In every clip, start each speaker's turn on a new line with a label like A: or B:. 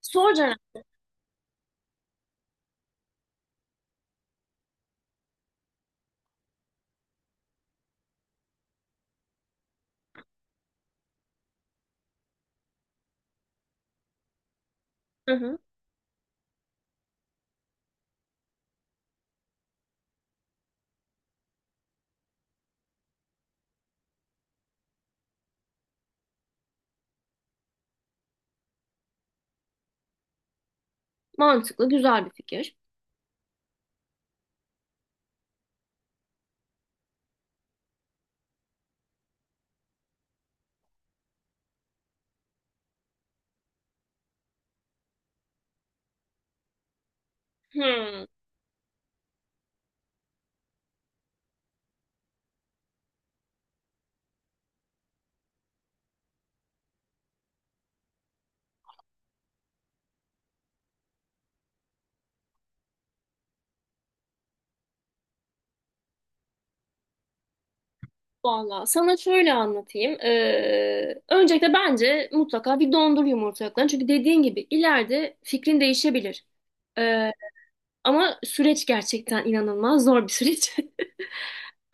A: Sor. Hı hı. Mantıklı, güzel bir fikir. Hmm. Valla sana şöyle anlatayım. Öncelikle bence mutlaka bir dondur yumurtalıklarını. Çünkü dediğin gibi ileride fikrin değişebilir. Ee, Ama süreç gerçekten inanılmaz zor bir süreç.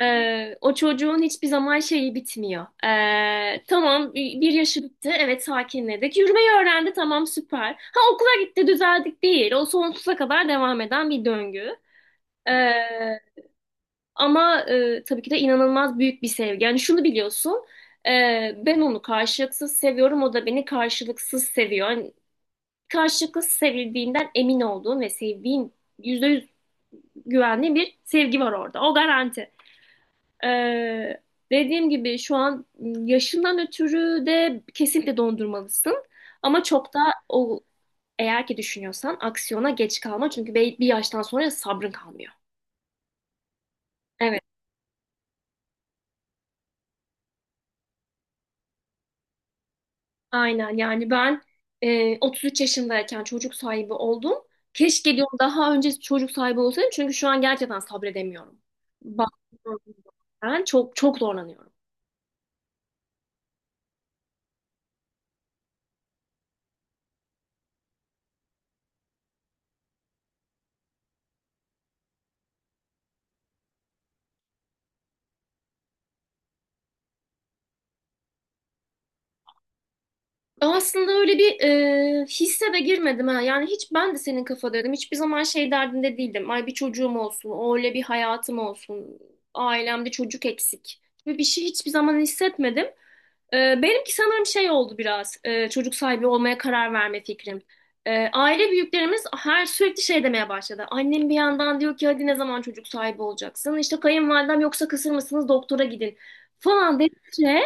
A: O çocuğun hiçbir zaman şeyi bitmiyor. Tamam, bir yaşı bitti. Evet, sakinledik. Yürümeyi öğrendi. Tamam, süper. Ha, okula gitti, düzeldik değil. O sonsuza kadar devam eden bir döngü. Ama tabii ki de inanılmaz büyük bir sevgi. Yani şunu biliyorsun, e, ben onu karşılıksız seviyorum, o da beni karşılıksız seviyor. Yani karşılıksız sevildiğinden emin olduğum ve sevdiğim yüzde yüz güvenli bir sevgi var orada. O garanti. E, Dediğim gibi şu an yaşından ötürü de kesinlikle dondurmalısın. Ama çok da o, eğer ki düşünüyorsan aksiyona geç kalma, çünkü bir yaştan sonra sabrın kalmıyor. Evet. Aynen, yani ben 33 yaşındayken çocuk sahibi oldum. Keşke diyorum daha önce çocuk sahibi olsaydım, çünkü şu an gerçekten sabredemiyorum. Bakıyorum, ben çok çok zorlanıyorum. Aslında öyle bir hisse de girmedim ha. Yani hiç ben de senin kafadaydım. Hiçbir zaman şey derdinde değildim. Ay, bir çocuğum olsun, öyle bir hayatım olsun, ailemde çocuk eksik gibi bir şey hiçbir zaman hissetmedim. Benimki sanırım şey oldu biraz, çocuk sahibi olmaya karar verme fikrim. Aile büyüklerimiz her sürekli şey demeye başladı. Annem bir yandan diyor ki hadi ne zaman çocuk sahibi olacaksın? İşte kayınvalidem yoksa kısır mısınız doktora gidin falan dedikçe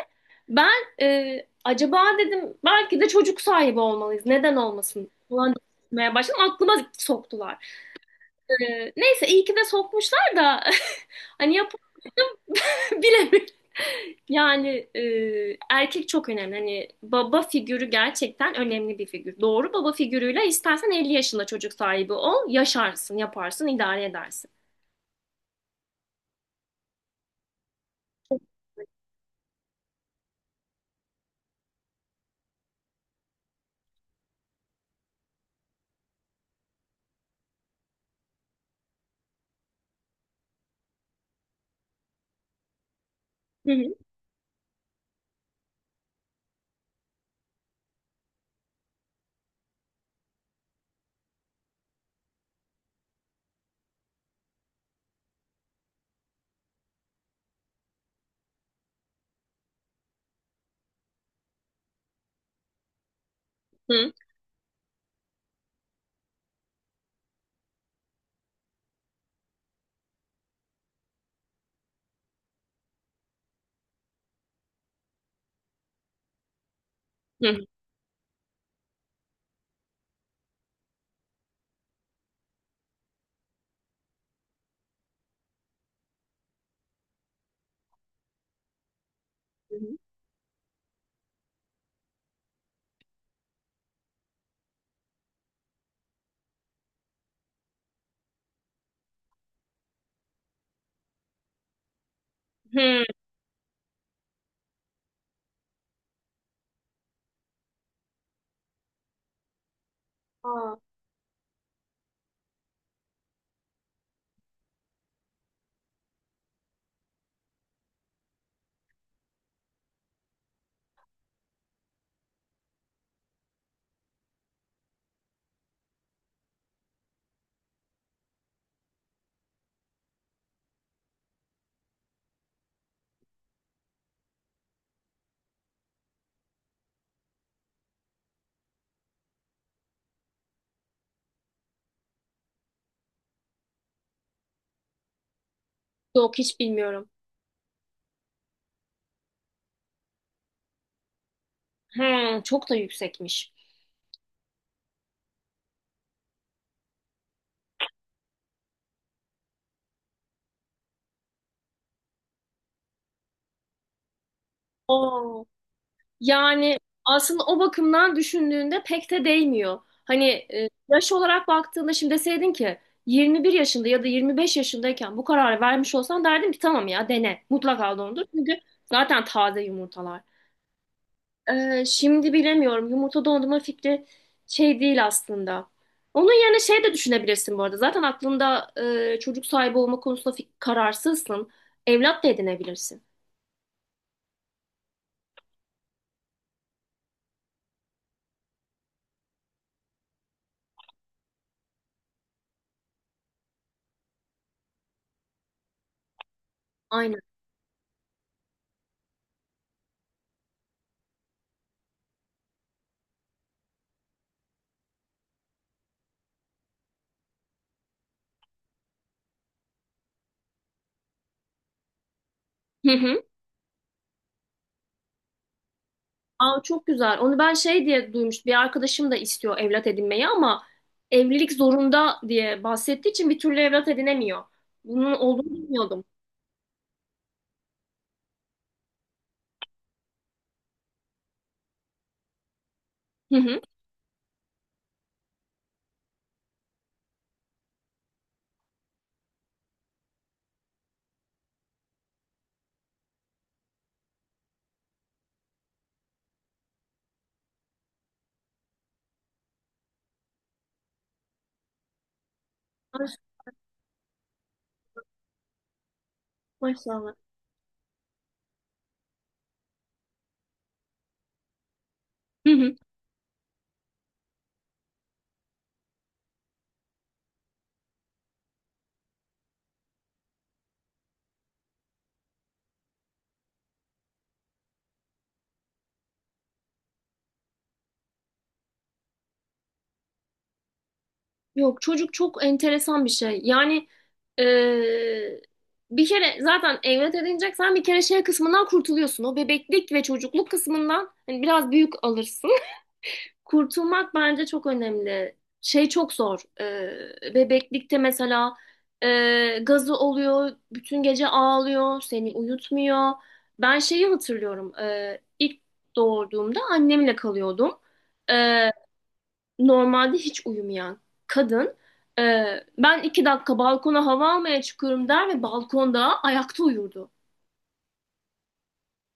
A: ben acaba dedim, belki de çocuk sahibi olmalıyız, neden olmasın falan demeye başladım, aklıma soktular. Neyse, iyi ki de sokmuşlar da hani yap bilemiyorum. Yani erkek çok önemli. Hani baba figürü gerçekten önemli bir figür. Doğru baba figürüyle istersen 50 yaşında çocuk sahibi ol, yaşarsın, yaparsın, idare edersin. Hı hı. Hı hı. Hı hı. Hı. Aa. Yok, hiç bilmiyorum. Hı, çok da yüksekmiş. Aa. Yani aslında o bakımdan düşündüğünde pek de değmiyor. Hani yaş olarak baktığında şimdi deseydin ki 21 yaşında ya da 25 yaşındayken bu kararı vermiş olsan derdim ki tamam ya, dene, mutlaka dondur. Çünkü zaten taze yumurtalar. Şimdi bilemiyorum, yumurta dondurma fikri şey değil aslında. Onun yerine şey de düşünebilirsin bu arada. Zaten aklında çocuk sahibi olma konusunda kararsızsın. Evlat da edinebilirsin. Aynen. Hı hı. Aa, çok güzel. Onu ben şey diye duymuş. Bir arkadaşım da istiyor evlat edinmeyi, ama evlilik zorunda diye bahsettiği için bir türlü evlat edinemiyor. Bunun olduğunu bilmiyordum. Hı hı. Ay, maşallah. Hı hı. Yok, çocuk çok enteresan bir şey. Yani eee, bir kere zaten evlat edineceksen bir kere şey kısmından kurtuluyorsun. O bebeklik ve çocukluk kısmından hani biraz büyük alırsın. Kurtulmak bence çok önemli. Şey çok zor. Bebeklikte mesela gazı oluyor, bütün gece ağlıyor, seni uyutmuyor. Ben şeyi hatırlıyorum. İlk doğurduğumda annemle kalıyordum. Ee, Normalde hiç uyumayan kadın. e, Ben iki dakika balkona hava almaya çıkıyorum der ve balkonda ayakta uyurdu.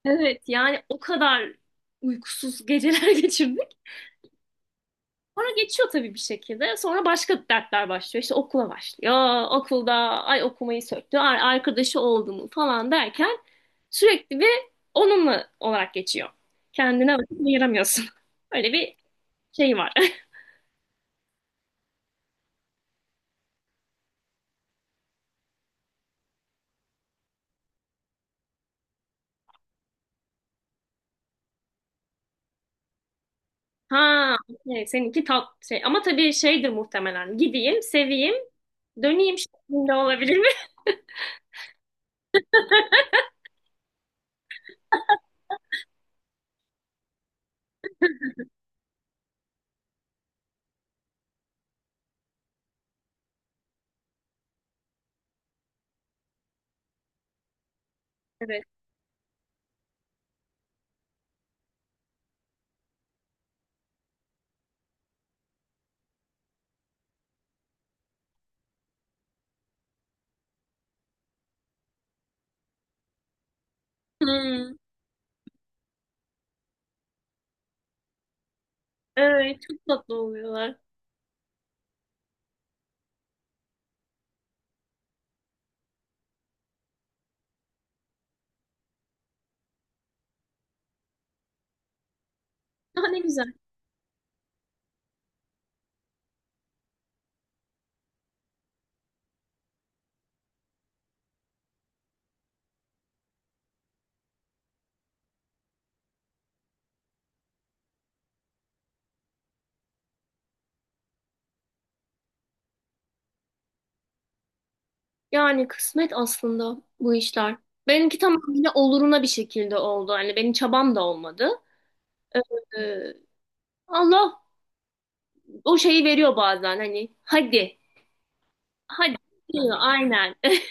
A: Evet, yani o kadar uykusuz geceler geçirdim. Sonra geçiyor tabii bir şekilde. Sonra başka dertler başlıyor. İşte okula başlıyor. Okulda ay okumayı söktü, ay arkadaşı oldu mu falan derken sürekli bir onunla olarak geçiyor. Kendine vakit ayıramıyorsun. Öyle bir şey var. Ha, okey. Seninki tat şey. Ama tabii şeydir muhtemelen. Gideyim, seveyim, döneyim şeklinde olabilir mi? Evet. Hmm. Evet, çok tatlı oluyorlar. Daha ne güzel. Yani kısmet aslında bu işler. Benimki tamamıyla oluruna bir şekilde oldu. Hani benim çabam da olmadı. Ee, Allah o şeyi veriyor bazen hani hadi, hadi diyor aynen.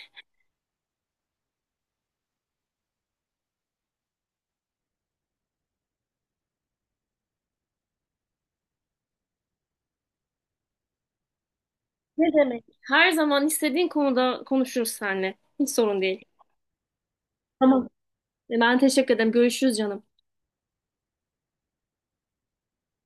A: Ne demek? Her zaman istediğin konuda konuşuruz seninle. Hiç sorun değil. Tamam. E, ben teşekkür ederim. Görüşürüz canım.